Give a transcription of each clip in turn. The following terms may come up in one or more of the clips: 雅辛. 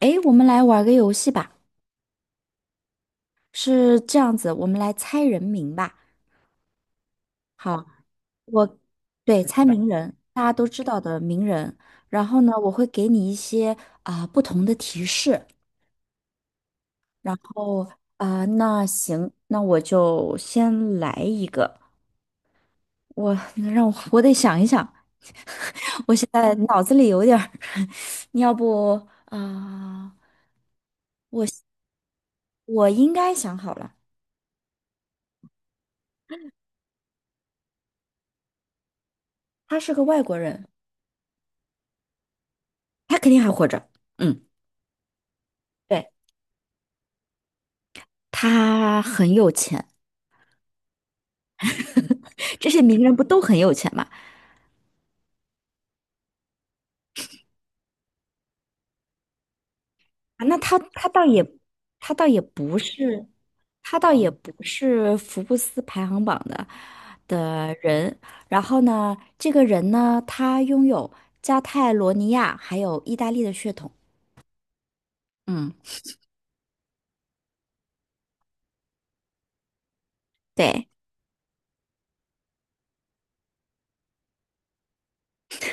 诶，我们来玩个游戏吧，是这样子，我们来猜人名吧。好，我对猜名人，大家都知道的名人。然后呢，我会给你一些不同的提示。哦那行，那我就先来一个。我让我得想一想，我现在脑子里有点儿，你要不我我应该想好了，他是个外国人，他肯定还活着。嗯，对。他很有钱，这些名人不都很有钱吗？啊，那他倒也他倒也不是，他倒也不是福布斯排行榜的人。然后呢，这个人呢，他拥有加泰罗尼亚还有意大利的血统。嗯，对，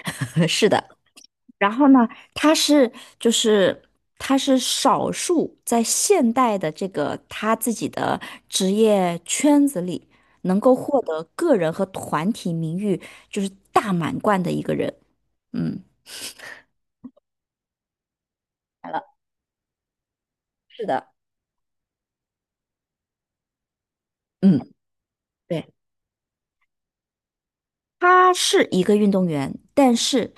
是的。然后呢，他是就是他是少数在现代的这个他自己的职业圈子里能够获得个人和团体名誉就是大满贯的一个人。嗯，来了，是的，嗯，对，他是一个运动员，但是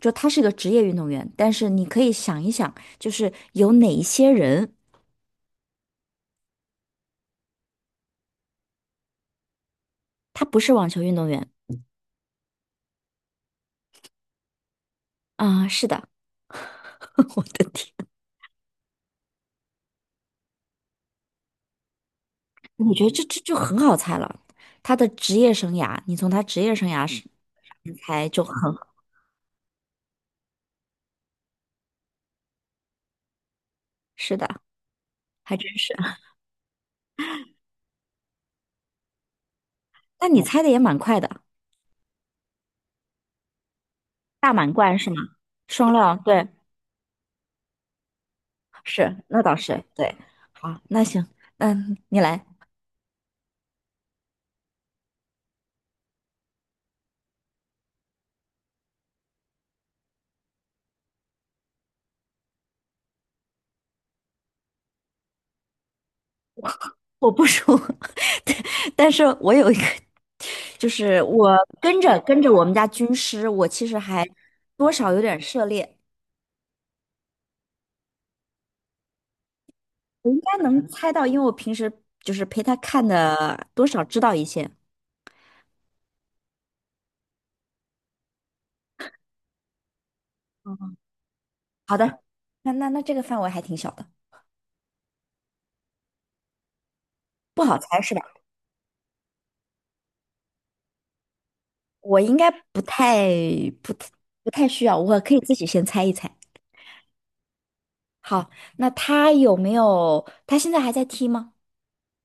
就他是一个职业运动员，但是你可以想一想，就是有哪一些人他不是网球运动员啊？是的，我的天。我觉得这就很好猜了。他的职业生涯，你从他职业生涯是猜就很，是的，还真是。但你猜的也蛮快的，大满贯是吗？双料，对，是，那倒是，对。好，那行，嗯，你来，我不输，但是我有一个，就是我跟着我们家军师，我其实还多少有点涉猎，我应该能猜到，因为我平时就是陪他看的，多少知道一些。好的，那那这个范围还挺小的，不好猜是吧？我应该不太不太需要，我可以自己先猜一猜。好，那他有没有？他现在还在踢吗？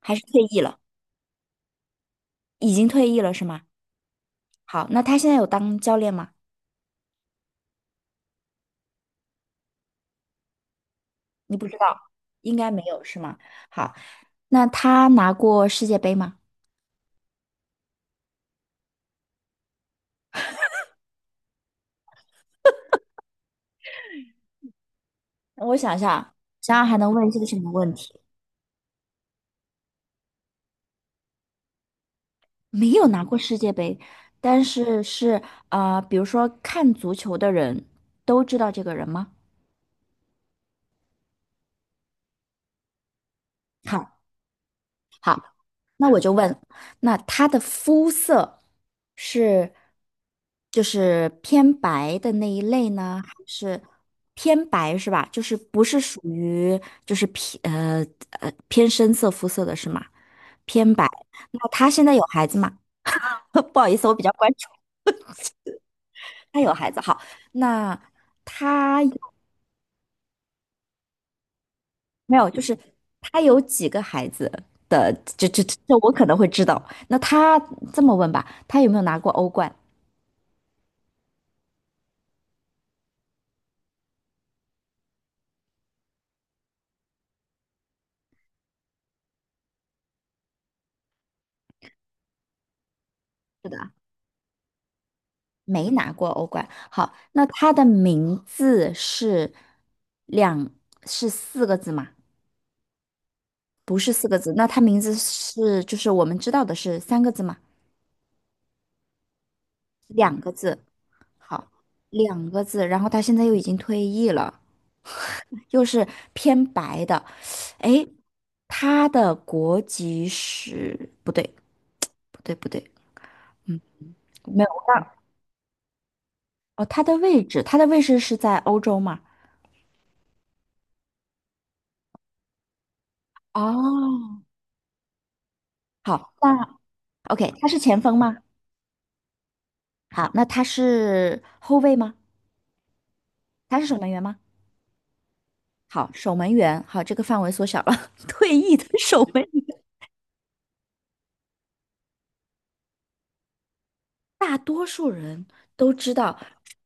还是退役了？已经退役了是吗？好，那他现在有当教练吗？你不知道，应该没有是吗？好，那他拿过世界杯吗？我想想，想想还能问些什么问题？没有拿过世界杯，但是是呃，比如说看足球的人都知道这个人吗？好，好，那我就问，那他的肤色是就是偏白的那一类呢，还是偏白是吧？就是不是属于就是偏偏深色肤色的是吗？偏白。那他现在有孩子吗？不好意思，我比较关注他有孩子。好，那。他。没有，就是他有几个孩子，这我可能会知道。那他这么问吧，他有没有拿过欧冠？是的，没拿过欧冠。好，那他的名字是两是四个字吗？不是四个字，那他名字是就是我们知道的是三个字吗？两个字。好，两个字。然后他现在又已经退役了。又是偏白的，诶，他的国籍是不对，不对，嗯，没有，我刚哦，他的位置是在欧洲吗？哦，好，那 OK,他是前锋吗？好，那他是后卫吗？他是守门员吗？好，守门员，好，这个范围缩小了，退役的守门员，大多数人都知道，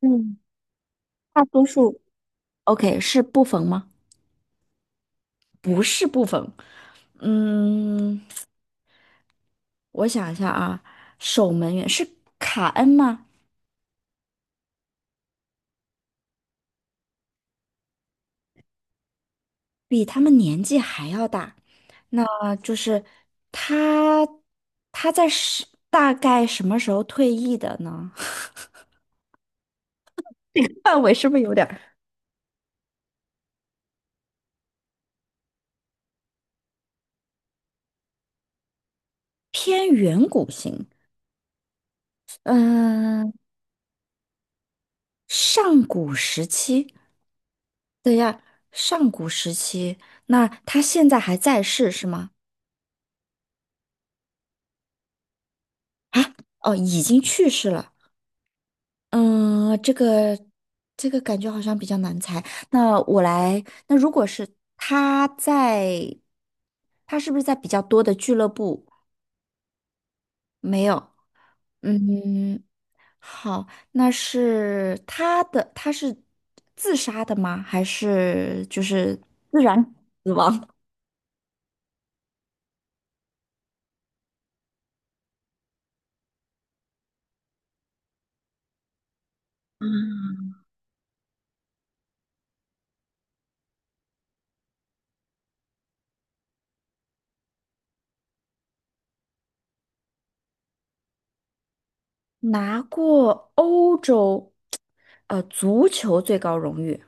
嗯，大多数 OK 是布冯吗？不是部分，嗯，我想一下啊，守门员是卡恩吗？比他们年纪还要大，那就是他，他在是大概什么时候退役的呢？范围是不是有点儿偏远古型？嗯，上古时期，上古时期，那他现在还在世是吗？哦，已经去世了。嗯，这个感觉好像比较难猜。那我来，那如果是他在，他是不是在比较多的俱乐部？没有。嗯，好，那是他的，他是自杀的吗？还是就是自然死亡？拿过欧洲足球最高荣誉。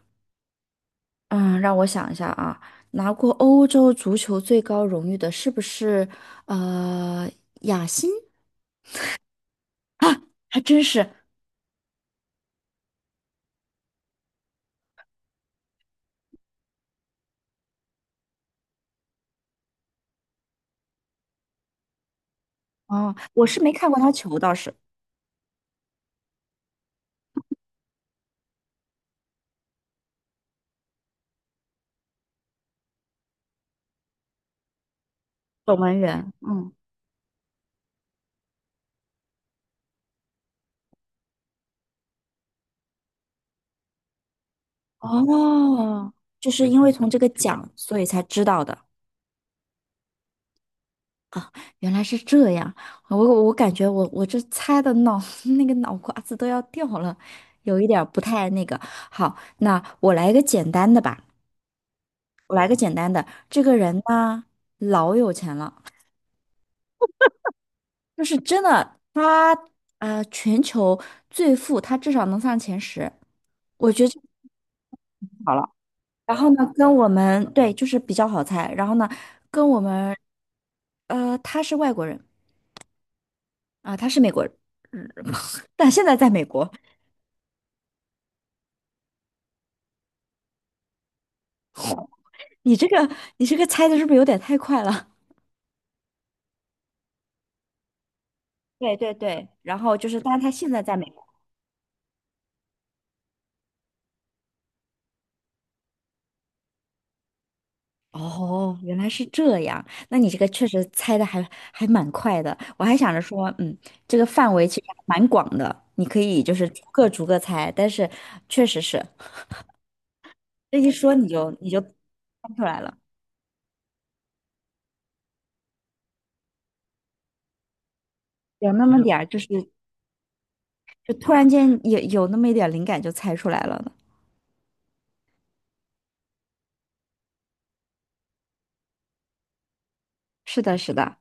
嗯，让我想一下啊，拿过欧洲足球最高荣誉的是不是呃雅辛？还真是哦，我是没看过他球，倒是守门员。嗯，哦，就是因为从这个奖，所以才知道的，原来是这样。我我感觉我这猜的脑 那个脑瓜子都要掉了，有一点儿不太那个。好，那我来一个简单的吧，我来个简单的。这个人呢，老有钱了。就是真的，他呃，全球最富，他至少能上前十，我觉得就很好了。然后呢，跟我们对，就是比较好猜。然后呢，跟我们呃，他是外国人啊，他是美国人，但现在在美国。你这个你这个猜的是不是有点太快了？对对对，然后就是，但是他现在在美。哦，原来是这样。那你这个确实猜的还还蛮快的。我还想着说，嗯，这个范围其实还蛮广的，你可以就是逐个猜。但是确实是这一说你就猜出来了，有那么点儿就是就突然间有那么一点儿灵感就猜出来了呢。是的，是的，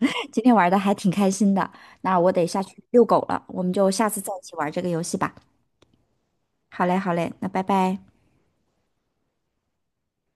今天玩的还挺开心的。那我得下去遛狗了，我们就下次再一起玩这个游戏吧。好嘞，好嘞，那拜拜。